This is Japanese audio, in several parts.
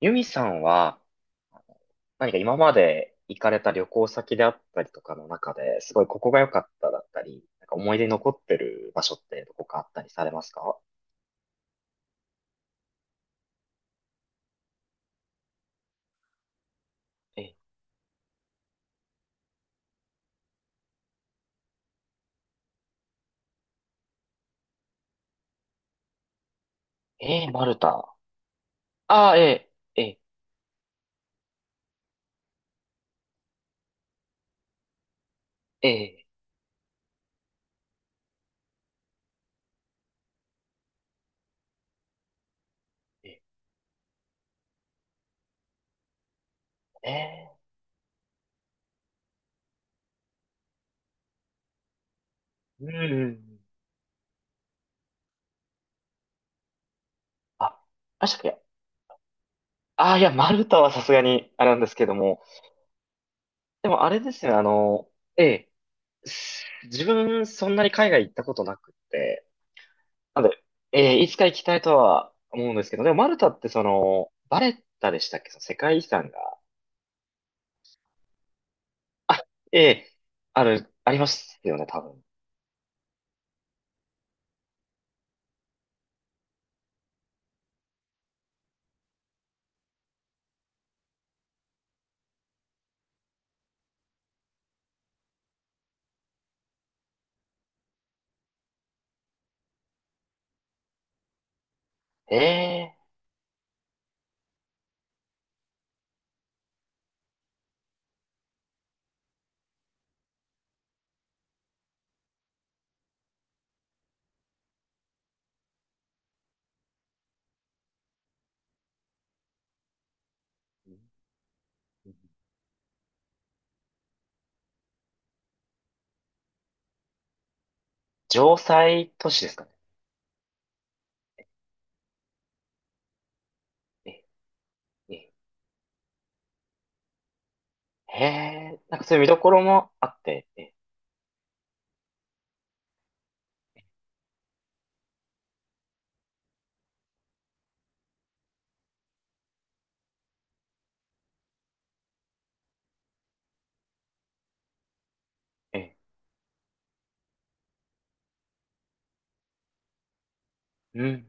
ユミさんは、何か今まで行かれた旅行先であったりとかの中で、すごいここが良かっただったり、なんか思い出に残ってる場所ってどこかあったりされますか？え、えー、マルタ。ああ、えー、えー、えー、えー、えー、うん。あ、あしたっけ。ああ、いや、マルタはさすがにあれなんですけども、でもあれですね、え自分そんなに海外行ったことなくて、なんで、いつか行きたいとは思うんですけど、でもマルタってその、バレッタでしたっけ、その世界遺産が。あ、ええ、ありますよね、多分。ええ、城塞都市ですかね。ええ、ええ、なんかそういう見どころもあって、ええ、ええ、うん、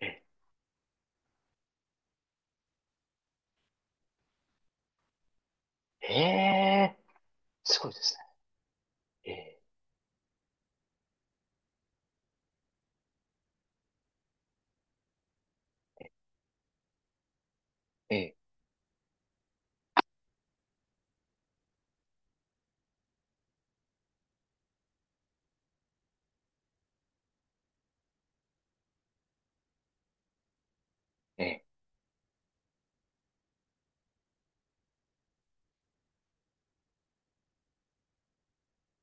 ええ、ええ、すごいですね。ええ、ええ、え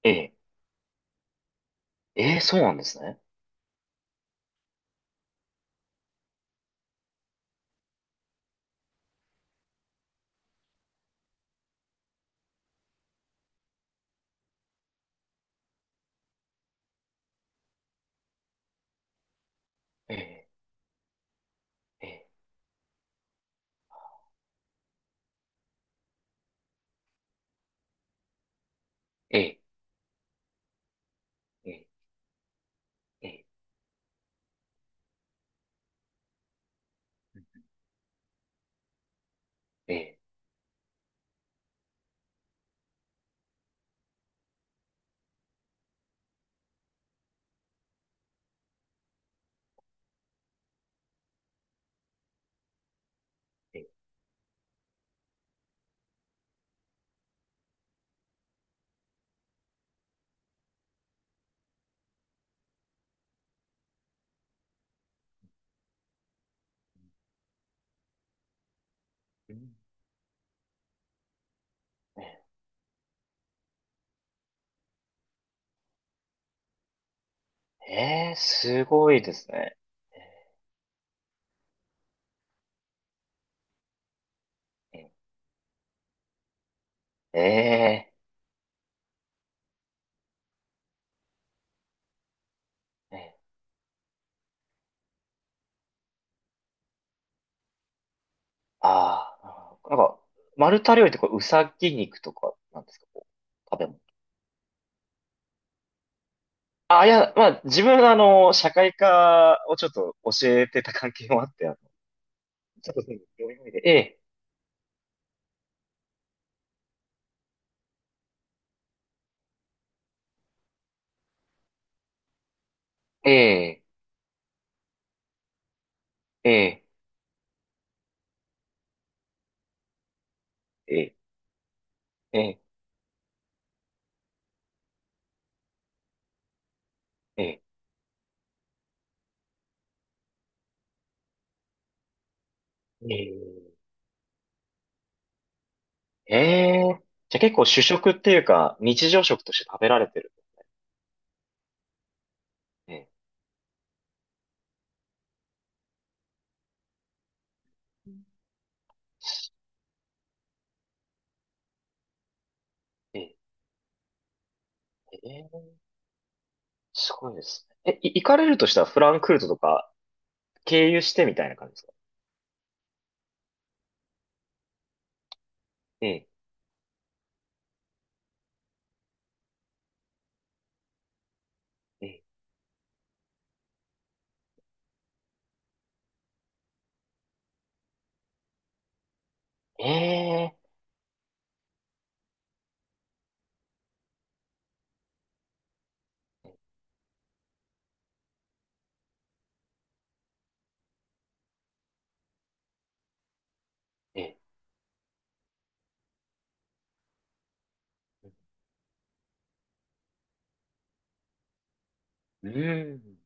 え、ええ、えそうなんですね。ええ、ええ、ええ、ええ、ええ、ええ、ええ、ええ、すごいですね。ええ、ええ、ああ、なんか、マルタ料理ってこう、うさぎ肉とかなんですか、こう、食べ物。あ、いや、まあ、自分、社会科をちょっと教えてた関係もあって、ちょっとそういう読み込みで、ええ、ええ、ええ、ええ、ええ、ええ、ええ、じゃあ結構主食っていうか、日常食として食べられてる。ええ、ええ、すごいですね。行かれるとしたらフランクフルトとか経由してみたいな感じですか？ええ、ええ、ええ、ええ、うん、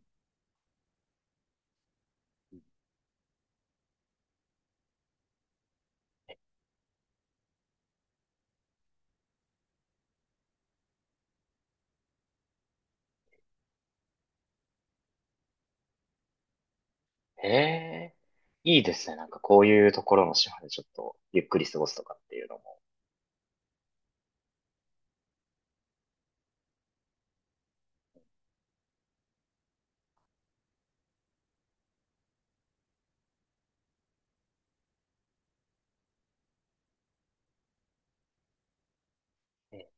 ええ、いいですね。なんかこういうところの島でちょっとゆっくり過ごすとかっていうのも。ええ、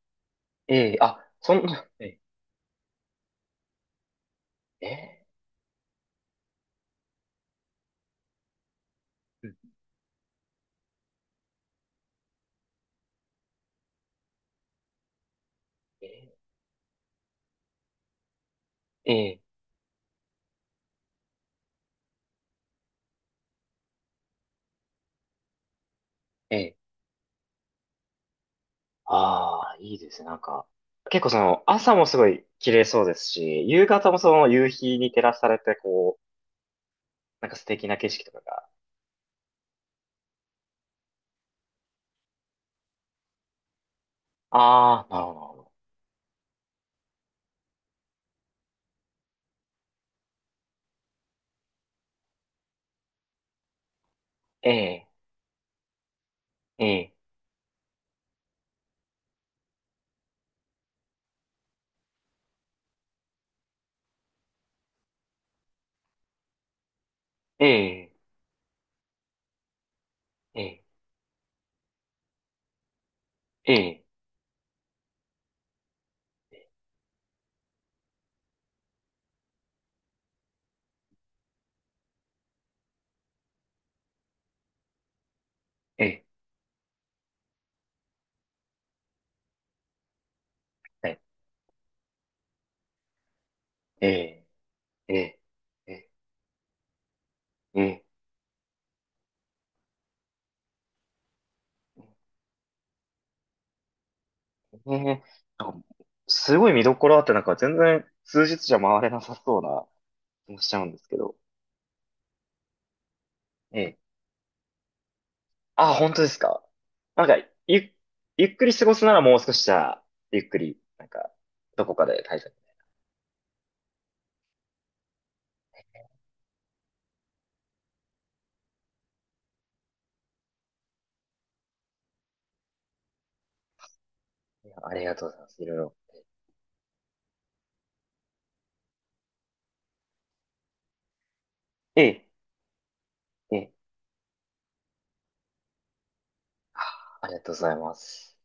ええ、あ、そんな ええ、ええ、うん、ええ、ええ、ええ、ああ、いいですね。なんか、結構その朝もすごい綺麗そうですし、夕方もその夕日に照らされてこう、なんか素敵な景色とかが。ああ、なるほど、なるほど。ええ、ええ、ええ、ええ、ええ、ええ、ええ、ええ、ええ、ええ、えなんか、すごい見どころあって、なんか全然数日じゃ回れなさそうな気もしちゃうんですけど。ええ。あ、本当ですか。なんか、ゆ、ゆっくり過ごすならもう少しじゃあ、ゆっくり、なんか、どこかで滞在。いや、ありがとうございます。いろいろ。ええ、ええ、ありがとうございます。